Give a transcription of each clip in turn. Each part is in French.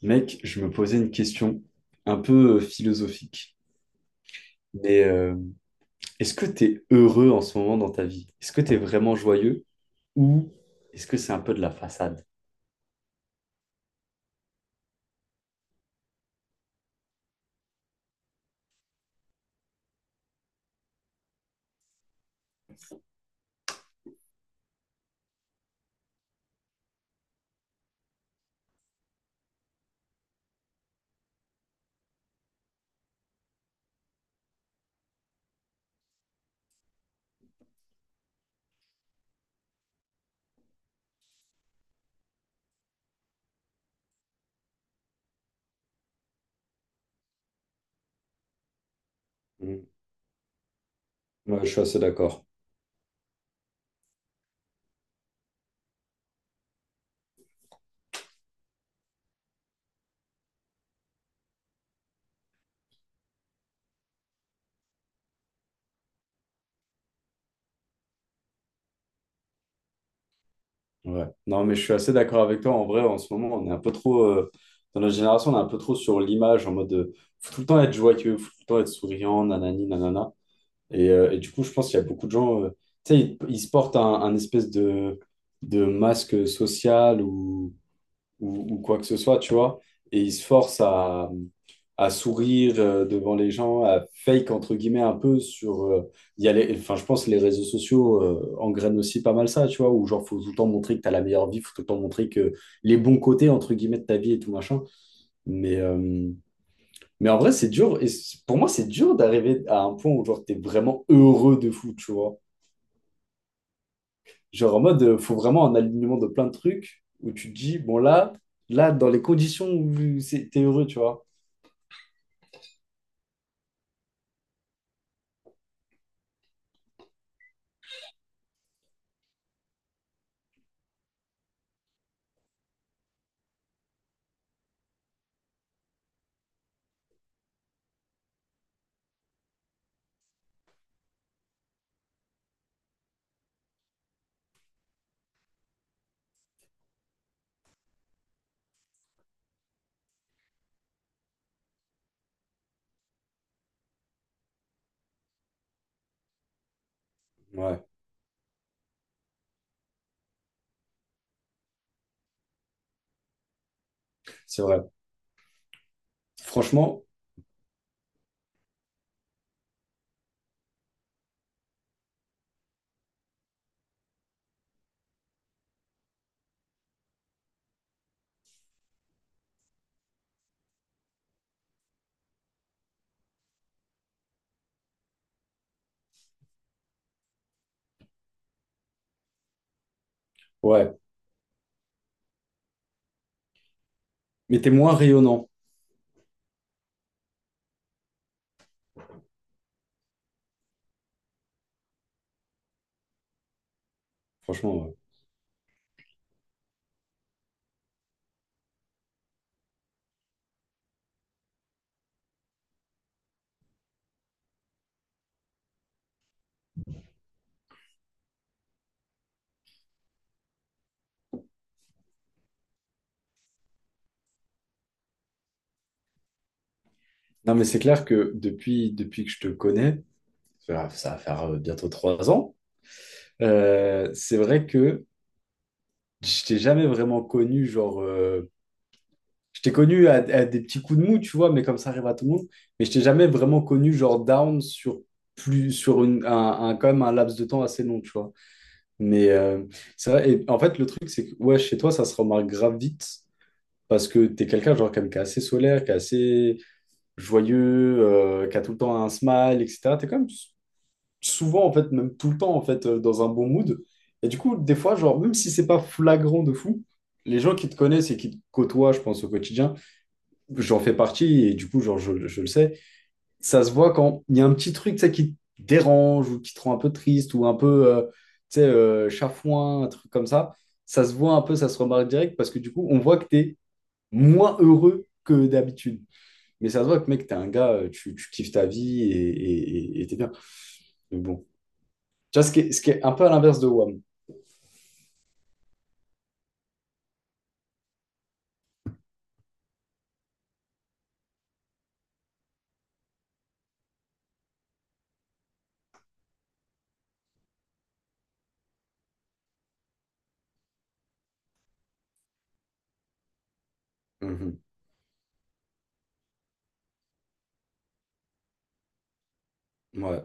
Mec, je me posais une question un peu philosophique. Mais est-ce que tu es heureux en ce moment dans ta vie? Est-ce que tu es vraiment joyeux ou est-ce que c'est un peu de la façade? Mm. Ouais, je suis assez d'accord. Ouais. Non, mais je suis assez d'accord avec toi. En vrai, en ce moment, on est un peu trop, dans notre génération, on est un peu trop sur l'image en mode faut tout le temps être joyeux, faut tout le temps être souriant, nanani, nanana. Et du coup, je pense qu'il y a beaucoup de gens, tu sais, ils se portent un espèce de masque social ou quoi que ce soit, tu vois. Et il se force à sourire devant les gens, à fake entre guillemets un peu sur. Il y a enfin, je pense que les réseaux sociaux engrainent aussi pas mal ça, tu vois, où genre faut tout le temps montrer que t'as la meilleure vie, faut tout le temps montrer que les bons côtés entre guillemets de ta vie et tout machin. Mais, euh, mais en vrai, c'est dur. Et pour moi, c'est dur d'arriver à un point où genre t'es vraiment heureux de fou, tu vois. Genre en mode, faut vraiment un alignement de plein de trucs où tu te dis, bon là, dans les conditions où t'es heureux, tu vois. Ouais, c'est vrai. Franchement, ouais. Mais t'es moins rayonnant, franchement. Ouais. Non, mais c'est clair que depuis que je te connais, ça va faire bientôt 3 ans, c'est vrai que je t'ai jamais vraiment connu, genre, je t'ai connu à des petits coups de mou, tu vois, mais comme ça arrive à tout le monde, mais je t'ai jamais vraiment connu, genre, down sur plus, sur quand même un laps de temps assez long, tu vois. Mais c'est vrai, et en fait, le truc, c'est que ouais, chez toi, ça se remarque grave vite parce que t'es quelqu'un, genre, quand même, qui est assez solaire, qui est assez joyeux, qui a tout le temps un smile, etc. T'es quand même souvent, en fait, même tout le temps, en fait, dans un bon mood. Et du coup, des fois, genre, même si c'est pas flagrant de fou, les gens qui te connaissent et qui te côtoient, je pense, au quotidien, j'en fais partie et du coup, genre, je le sais, ça se voit quand il y a un petit truc, tu sais, qui te dérange ou qui te rend un peu triste ou un peu, tu sais, chafouin, un truc comme ça. Ça se voit un peu, ça se remarque direct parce que du coup, on voit que tu es moins heureux que d'habitude. Mais ça se voit que, mec, t'es un gars, tu kiffes ta vie et t'es bien. Mais bon. Tu vois, ce qui est un peu à l'inverse de WAM. Mhm. Ouais.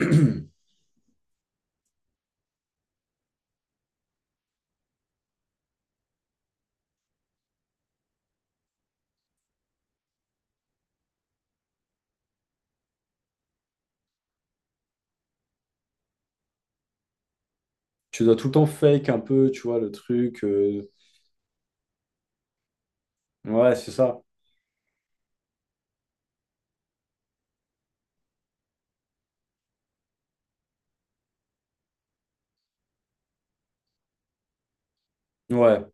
Tu dois tout le temps fake un peu, tu vois, le truc. Ouais, c'est ça. Ouais,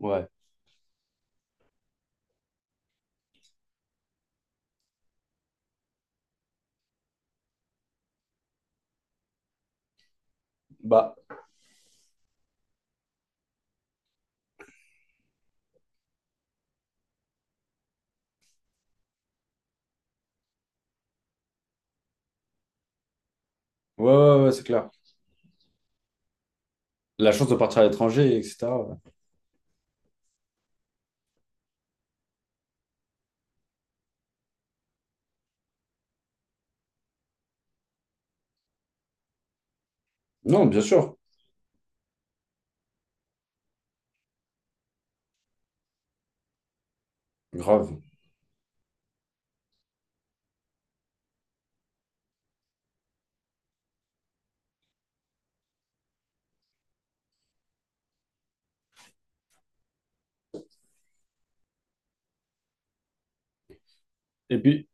ouais. Bah, ouais, ouais, ouais, c'est clair. La chance de partir à l'étranger, etc. Non, bien sûr, grave. Et puis,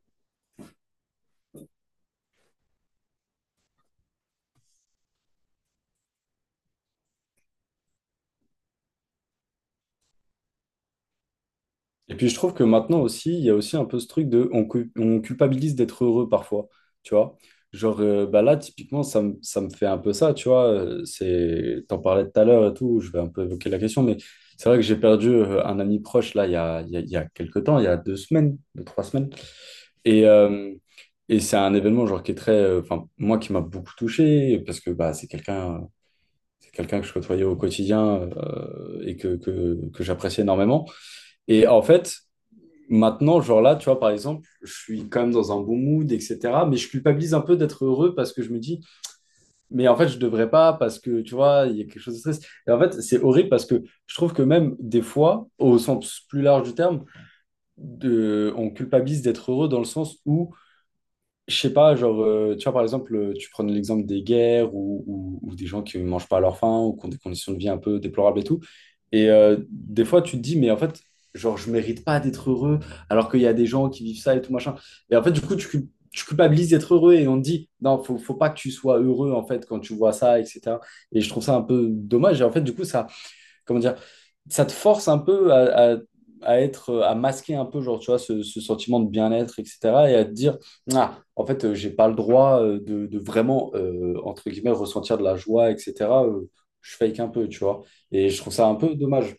et puis je trouve que maintenant aussi, il y a aussi un peu ce truc de on culpabilise d'être heureux parfois, tu vois. Genre, bah là, typiquement, ça me fait un peu ça, tu vois. C'est, t'en parlais tout à l'heure et tout, je vais un peu évoquer la question, mais c'est vrai que j'ai perdu un ami proche, là, il y a, il y a, il y a quelques temps, il y a 2 semaines, 2, 3 semaines. Et, euh, et c'est un événement, genre, qui est très, enfin, moi, qui m'a beaucoup touché, parce que bah, c'est quelqu'un. C'est quelqu'un que je côtoyais au quotidien et que j'apprécie énormément. Et en fait, maintenant, genre là, tu vois, par exemple, je suis quand même dans un bon mood, etc. Mais je culpabilise un peu d'être heureux parce que je me dis, mais en fait, je devrais pas parce que, tu vois, il y a quelque chose de stress. Et en fait, c'est horrible parce que je trouve que même des fois, au sens plus large du terme, on culpabilise d'être heureux dans le sens où je sais pas, genre, tu vois, par exemple, tu prends l'exemple des guerres ou des gens qui ne mangent pas à leur faim ou qui ont des conditions de vie un peu déplorables et tout. Et des fois, tu te dis, mais en fait, genre, je mérite pas d'être heureux alors qu'il y a des gens qui vivent ça et tout machin. Et en fait, du coup, tu culpabilises d'être heureux et on te dit, non, faut pas que tu sois heureux en fait quand tu vois ça, etc. Et je trouve ça un peu dommage. Et en fait, du coup, ça, comment dire, ça te force un peu à, à être, à masquer un peu, genre, tu vois, ce sentiment de bien-être, etc. Et à te dire, ah, en fait, j'ai pas le droit de, vraiment, entre guillemets, ressentir de la joie, etc. euh, je fake un peu, tu vois. Et je trouve ça un peu dommage.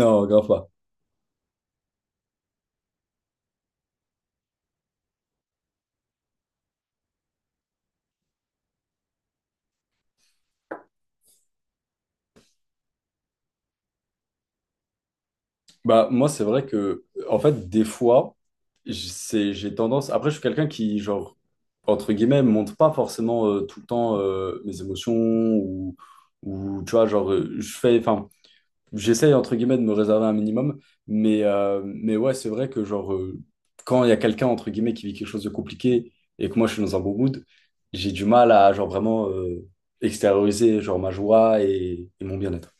Non, grave pas. Bah, moi, c'est vrai que, en fait, des fois, c'est, j'ai tendance. Après, je suis quelqu'un qui, genre, entre guillemets, montre pas forcément tout le temps mes émotions ou, tu vois, genre, je fais. Enfin, j'essaye entre guillemets de me réserver un minimum, mais ouais, c'est vrai que genre, quand il y a quelqu'un entre guillemets qui vit quelque chose de compliqué et que moi je suis dans un bon mood, j'ai du mal à genre vraiment extérioriser genre ma joie et mon bien-être.